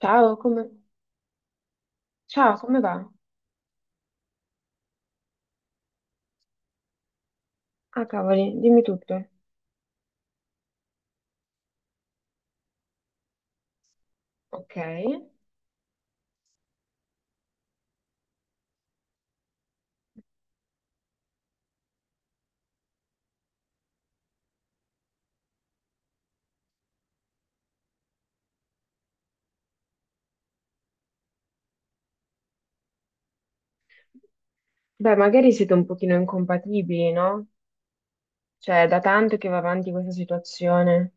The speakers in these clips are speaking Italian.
Ciao, come... Ciao, come va? Ah, cavoli, dimmi tutto. Ok. Beh, magari siete un pochino incompatibili, no? Cioè, è da tanto che va avanti questa situazione.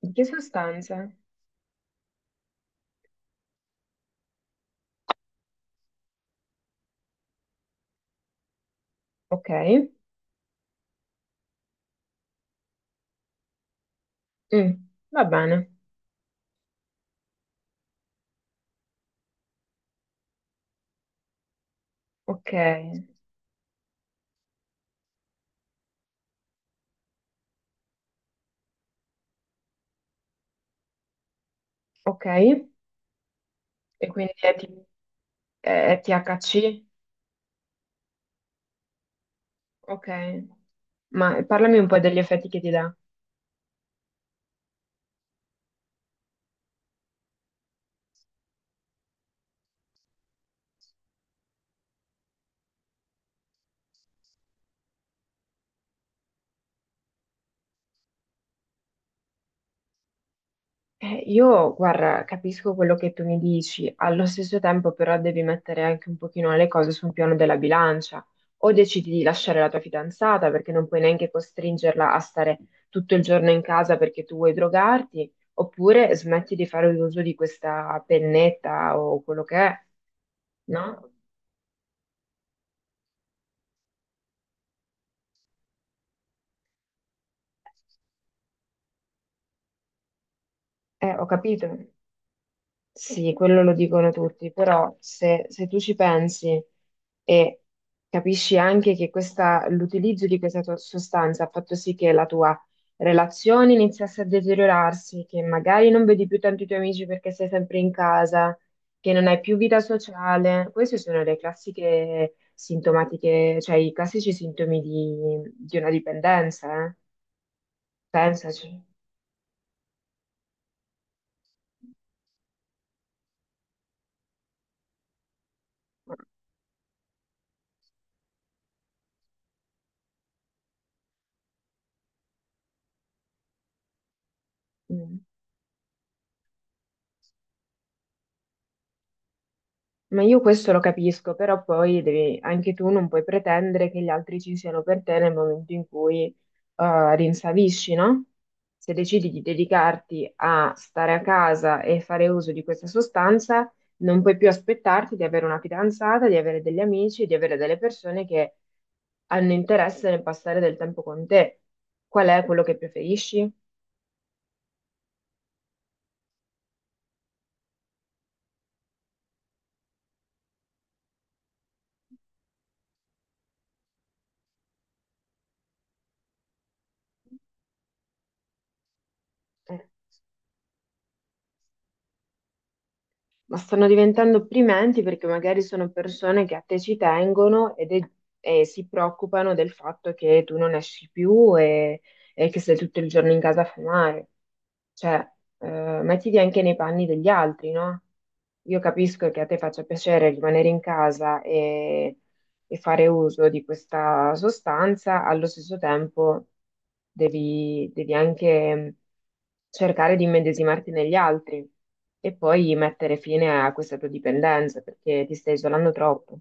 Di che sostanze? Ok. Mm, va bene. Ok, ok. E quindi è, è THC? Ok. Ma parlami un po' degli effetti che ti dà. Io, guarda, capisco quello che tu mi dici, allo stesso tempo però devi mettere anche un pochino le cose sul piano della bilancia, o decidi di lasciare la tua fidanzata perché non puoi neanche costringerla a stare tutto il giorno in casa perché tu vuoi drogarti, oppure smetti di fare uso di questa pennetta o quello che è, no? Ho capito. Sì, quello lo dicono tutti, però se tu ci pensi e capisci anche che l'utilizzo di questa sostanza ha fatto sì che la tua relazione iniziasse a deteriorarsi, che magari non vedi più tanti tuoi amici perché sei sempre in casa, che non hai più vita sociale, queste sono le classiche sintomatiche, cioè i classici sintomi di una dipendenza, eh? Pensaci. Mm. Ma io questo lo capisco, però poi devi, anche tu non puoi pretendere che gli altri ci siano per te nel momento in cui rinsavisci, no? Se decidi di dedicarti a stare a casa e fare uso di questa sostanza, non puoi più aspettarti di avere una fidanzata, di avere degli amici, di avere delle persone che hanno interesse nel passare del tempo con te. Qual è quello che preferisci? Eh. Ma stanno diventando opprimenti perché magari sono persone che a te ci tengono e si preoccupano del fatto che tu non esci più e che sei tutto il giorno in casa a fumare. Cioè, mettiti anche nei panni degli altri, no? Io capisco che a te faccia piacere rimanere in casa e fare uso di questa sostanza, allo stesso tempo devi, devi anche cercare di immedesimarti negli altri e poi mettere fine a questa tua dipendenza perché ti stai isolando troppo.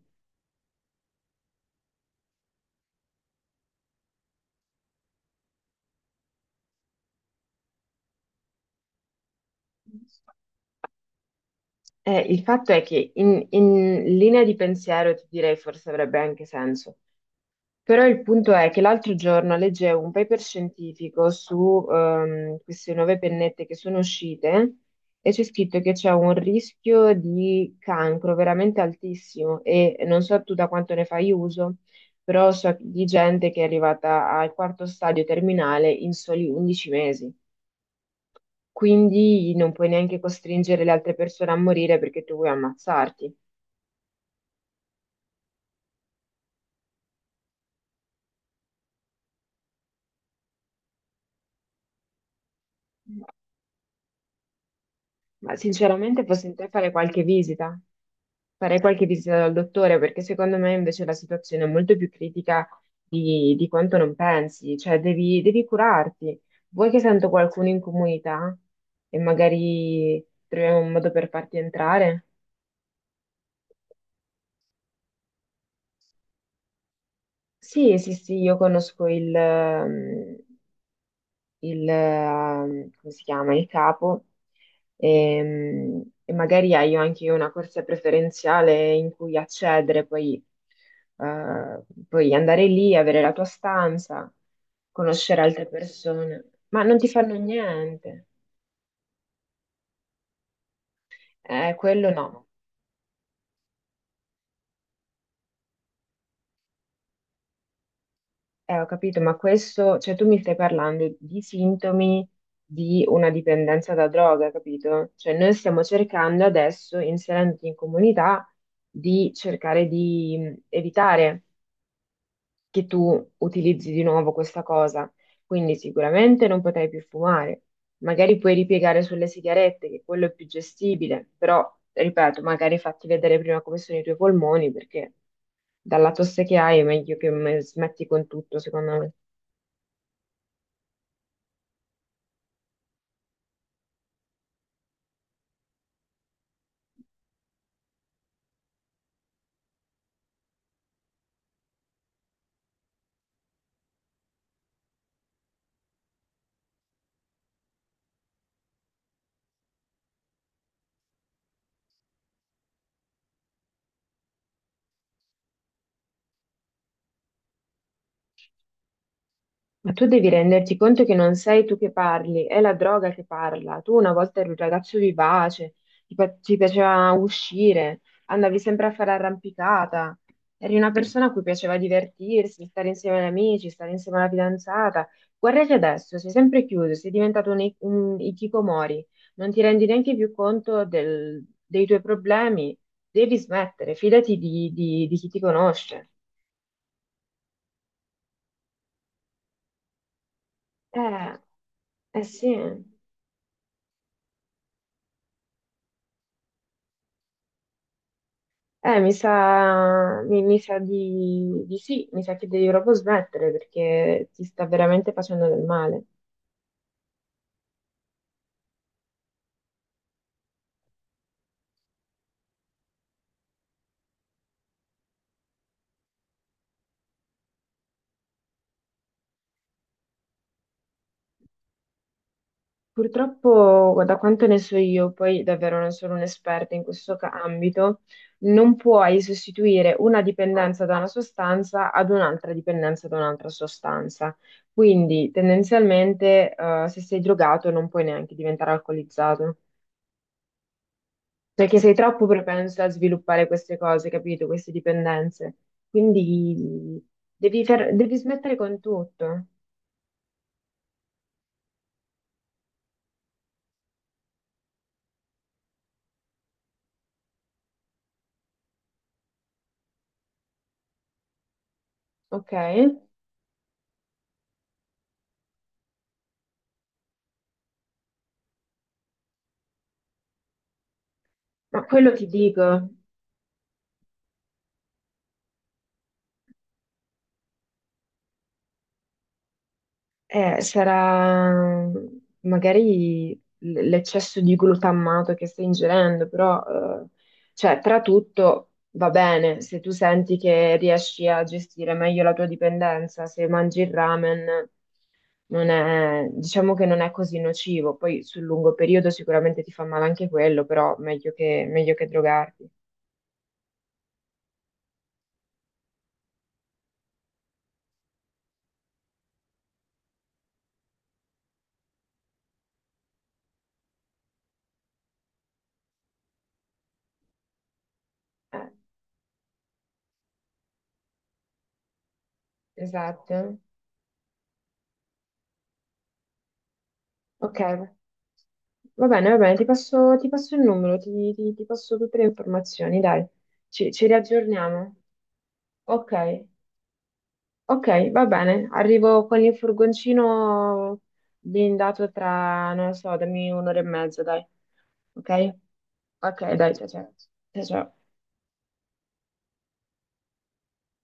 Il fatto è che in linea di pensiero ti direi forse avrebbe anche senso, però il punto è che l'altro giorno leggevo un paper scientifico su queste nuove pennette che sono uscite e c'è scritto che c'è un rischio di cancro veramente altissimo e non so tu da quanto ne fai uso, però so di gente che è arrivata al quarto stadio terminale in soli 11 mesi. Quindi non puoi neanche costringere le altre persone a morire perché tu vuoi ammazzarti. Ma sinceramente, fossi in te, fare qualche visita. Farei qualche visita dal dottore perché secondo me invece la situazione è molto più critica di quanto non pensi, cioè devi, devi curarti. Vuoi che sento qualcuno in comunità e magari troviamo un modo per farti entrare? Sì, sì, sì, io conosco il, come si chiama, il capo e, magari hai anche una corsia preferenziale in cui accedere, poi eh, puoi andare lì, avere la tua stanza, conoscere altre persone, ma non ti fanno niente. Quello no. Ho capito, ma questo, cioè tu mi stai parlando di sintomi di una dipendenza da droga, capito? Cioè noi stiamo cercando adesso, inserendoti in comunità, di cercare di evitare che tu utilizzi di nuovo questa cosa. Quindi sicuramente non potrai più fumare, magari puoi ripiegare sulle sigarette, che quello è più gestibile, però, ripeto, magari fatti vedere prima come sono i tuoi polmoni, perché dalla tosse che hai è meglio che smetti con tutto, secondo me. Ma tu devi renderti conto che non sei tu che parli, è la droga che parla. Tu una volta eri un ragazzo vivace, ti, ti piaceva uscire, andavi sempre a fare arrampicata, eri una persona a cui piaceva divertirsi, stare insieme agli amici, stare insieme alla fidanzata. Guarda che adesso sei sempre chiuso, sei diventato un, un hikikomori, non ti rendi neanche più conto dei tuoi problemi. Devi smettere, fidati di, di chi ti conosce. Eh, eh sì. Mi sa, mi sa di sì, mi sa che devi proprio smettere perché ti sta veramente facendo del male. Purtroppo, da quanto ne so io, poi davvero non sono un'esperta in questo ambito, non puoi sostituire una dipendenza da una sostanza ad un'altra dipendenza da un'altra sostanza. Quindi, tendenzialmente, se sei drogato non puoi neanche diventare alcolizzato. Perché sei troppo propenso a sviluppare queste cose, capito? Queste dipendenze. Quindi devi, devi smettere con tutto, ok? Ma quello ti dico. Sarà magari l'eccesso di glutammato che stai ingerendo, però, eh, cioè, tra tutto va bene se tu senti che riesci a gestire meglio la tua dipendenza, se mangi il ramen, non è, diciamo che non è così nocivo. Poi sul lungo periodo sicuramente ti fa male anche quello, però meglio che drogarti. Eh, esatto. Ok, va bene, va bene, ti passo il numero, ti, ti passo tutte le informazioni, dai, ci riaggiorniamo. Ok, ok, va bene, arrivo con il furgoncino blindato tra, non lo so, dammi un'ora e mezza, dai, ok? Ok, dai, ciao ciao. Ciao ciao.